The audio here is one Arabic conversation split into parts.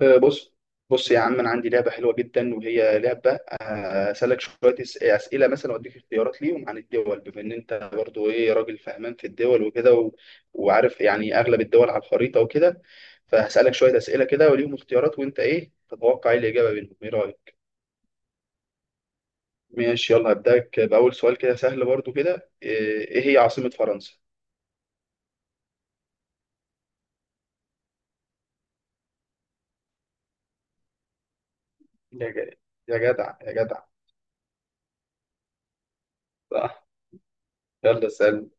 بص بص يا عم، انا عندي لعبه حلوه جدا، وهي لعبه اسالك شويه اسئله مثلا واديك اختيارات ليهم عن الدول، بما ان انت برضو ايه راجل فهمان في الدول وكده وعارف يعني اغلب الدول على الخريطه وكده. فهسالك شويه اسئله كده وليهم اختيارات، وانت ايه تتوقع ايه الاجابه منهم؟ ايه رايك؟ ماشي يلا، هبداك باول سؤال كده سهل برضو كده. إيه هي عاصمه فرنسا؟ يا جدع يا جدع يا جدع. صح. يلا اسال.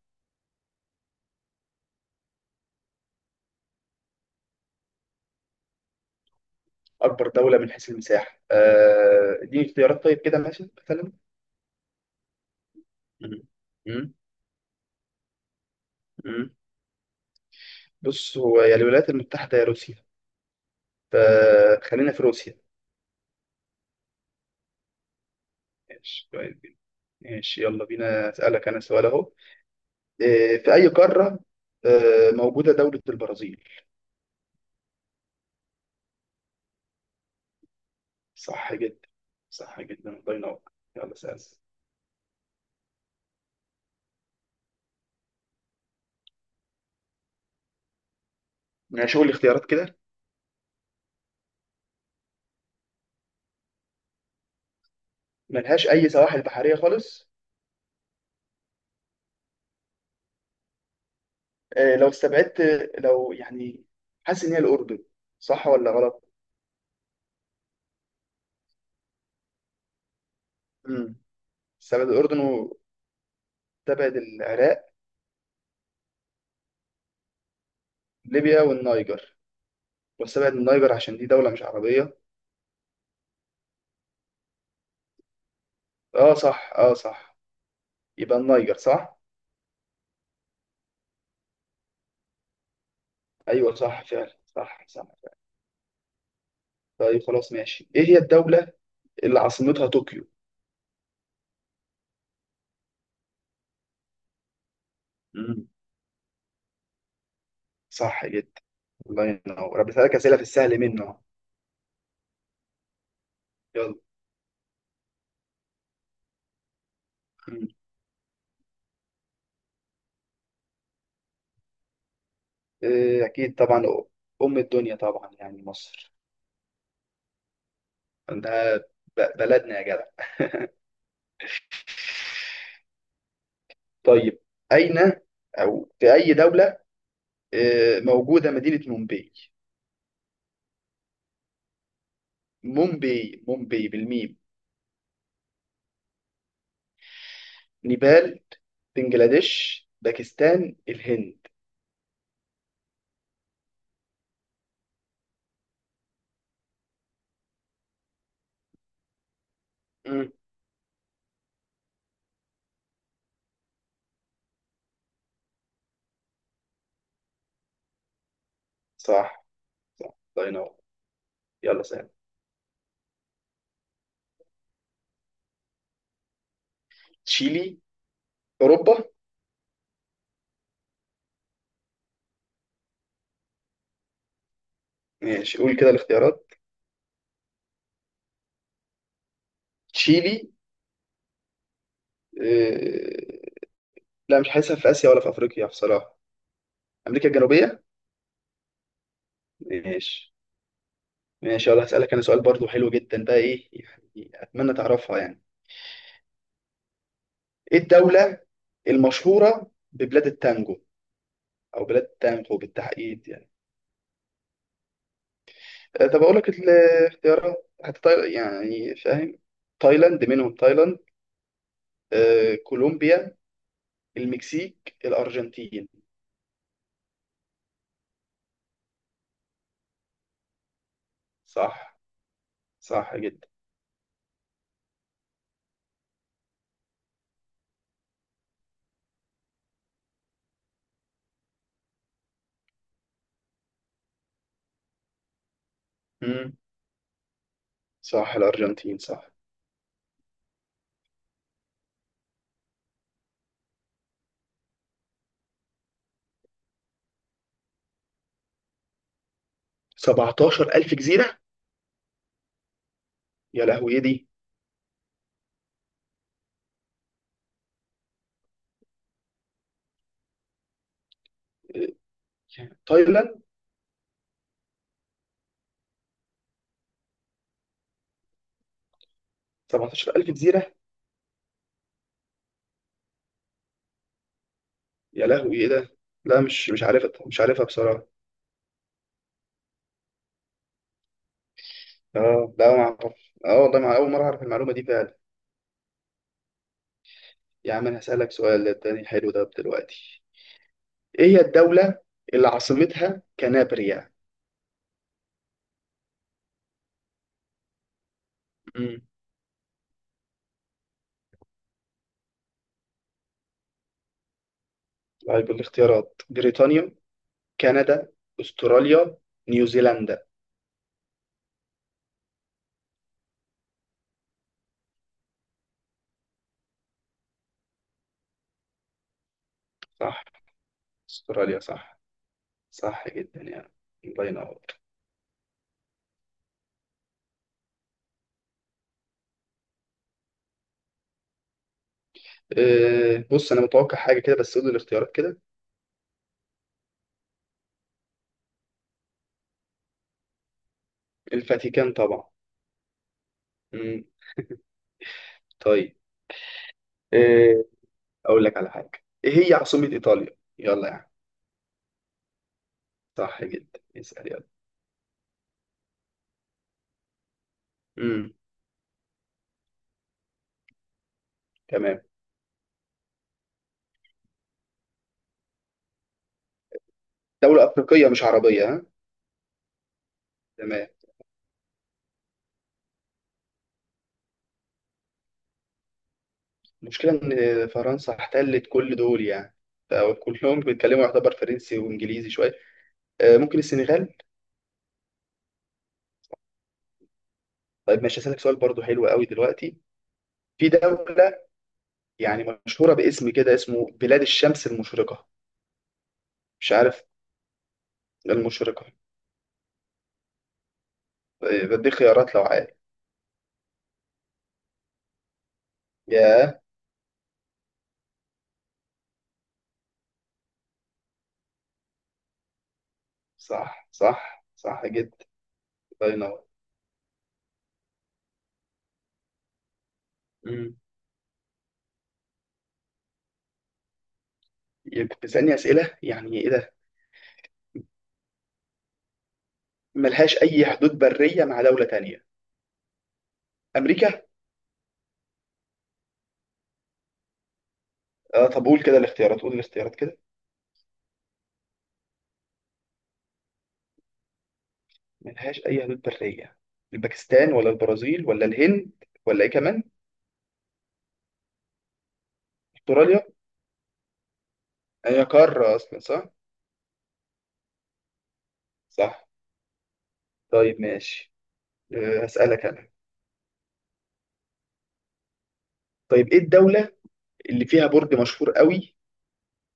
اكبر دوله من حيث المساحه؟ اديني اختيارات طيب كده ماشي مثلا. مم. مم. مم. بص، هو يا الولايات المتحدة يا روسيا، فخلينا في روسيا. ماشي كويس جدا. ماشي يلا بينا، أسألك أنا سؤال أهو. إيه، في أي قارة موجودة دولة البرازيل؟ صح جدا. صح جدا الله ينور. يلا سأل. ماشي قول لي اختيارات كده. ملهاش أي سواحل بحرية خالص؟ لو استبعدت، لو يعني حاسس إن هي الأردن، صح ولا غلط؟ مم. استبعد الأردن وتبعد العراق. ليبيا والنيجر. واستبعد النيجر عشان دي دولة مش عربية. اه صح اه صح. يبقى النيجر صح. ايوه صح فعلا، صح صح فعلا. طيب خلاص ماشي، ايه هي الدولة اللي عاصمتها طوكيو؟ مم. صح جدا الله ينور. أنا بسألك أسئلة في السهل منه أهو. يلا. مم. إيه اكيد طبعا. ام الدنيا طبعا يعني، مصر. ده بلدنا يا جدع. طيب أين أو في أي دولة موجودة مدينة مومباي؟ مومباي مومباي بالميم. نيبال، بنجلاديش، باكستان، الهند. مم. صح صح الله ينور. يلا سهل. تشيلي؟ أوروبا. ماشي قول كده الاختيارات. تشيلي. آه... لا، مش حاسسها في آسيا ولا في أفريقيا بصراحة. أمريكا الجنوبية. ماشي. ماشي يلا، هسألك أنا سؤال برضو حلو جدا بقى، إيه يعني أتمنى تعرفها يعني. إيه الدولة المشهورة ببلاد التانجو، أو بلاد التانجو بالتحديد يعني؟ طب أقول لك الاختيارات حتى، يعني فاهم. تايلاند منهم، تايلاند، كولومبيا، المكسيك، الأرجنتين. صح. صح جدا. مم. صح الأرجنتين صح. 17000 جزيرة؟ يا لهوي إيه دي. آه، تايلاند؟ 17000 جزيرة. يا لهوي إيه ده، لا مش عارف، مش عارفها بصراحة. اه لا ما اعرف، اه والله ما اول مره اعرف المعلومه دي فعلا. يا عم انا هسالك سؤال تاني حلو ده دلوقتي. ايه هي الدوله اللي عاصمتها كنابريا؟ مم. طيب الاختيارات، بريطانيا، كندا، استراليا، نيوزيلندا. صح. استراليا صح. صح جدا يعني الله ينور. أه بص انا متوقع حاجه كده، بس قول لي الاختيارات كده. الفاتيكان طبعا. مم. طيب. أه اقول لك على حاجه، ايه هي عاصمه ايطاليا يلا يعني؟ صح جدا. اسال يلا. مم. تمام. دوله افريقيه مش عربيه ها؟ تمام. المشكله ان فرنسا احتلت كل دول يعني، فكلهم بيتكلموا يعتبر فرنسي وانجليزي شويه. ممكن السنغال. طيب ماشي، هسألك سؤال برضو حلو قوي دلوقتي. في دولة يعني مشهورة باسم كده، اسمه بلاد الشمس المشرقة. مش عارف. المشرقة. بديك خيارات لو عارف. ياه. صح صح صح جدا الله ينور. مم. يبقى بتسألني أسئلة يعني إيه ده؟ ملهاش أي حدود برية مع دولة تانية؟ أمريكا؟ طب قول كده الاختيارات، قول الاختيارات كده. ملهاش أي حدود برية، الباكستان ولا البرازيل ولا الهند ولا إيه كمان؟ أستراليا. هي قارة أصلا صح. صح. طيب ماشي. هسألك أنا. طيب إيه الدولة اللي فيها برج مشهور قوي،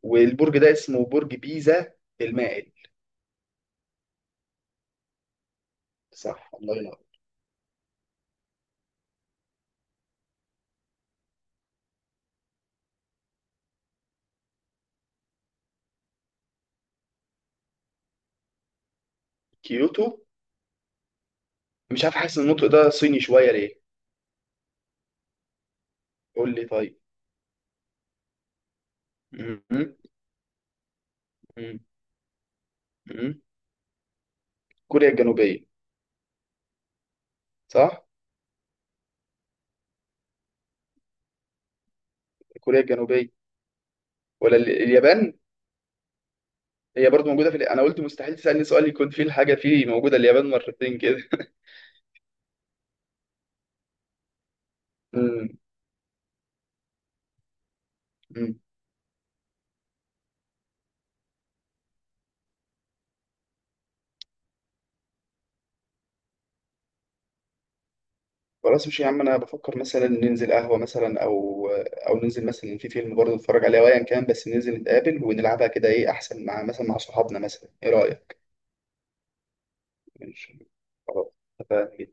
والبرج ده اسمه برج بيزا المائل؟ صح الله ينور. كيوتو؟ مش عارف، حاسس إن النطق ده صيني شوية ليه. قول لي طيب. م- م- م- م- كوريا الجنوبية. صح كوريا الجنوبية ولا اليابان؟ هي برضو موجودة في أنا قلت مستحيل تسألني سؤال يكون فيه الحاجة فيه موجودة اليابان مرتين كده م- م. خلاص مش، يا عم انا بفكر مثلا ننزل قهوه مثلا، او ننزل مثلا في فيلم برضه نتفرج عليه، او ايا كان، بس ننزل نتقابل ونلعبها كده ايه احسن، مع مثلا مع صحابنا مثلا، ايه رايك؟ ماشي خلاص اتفقنا.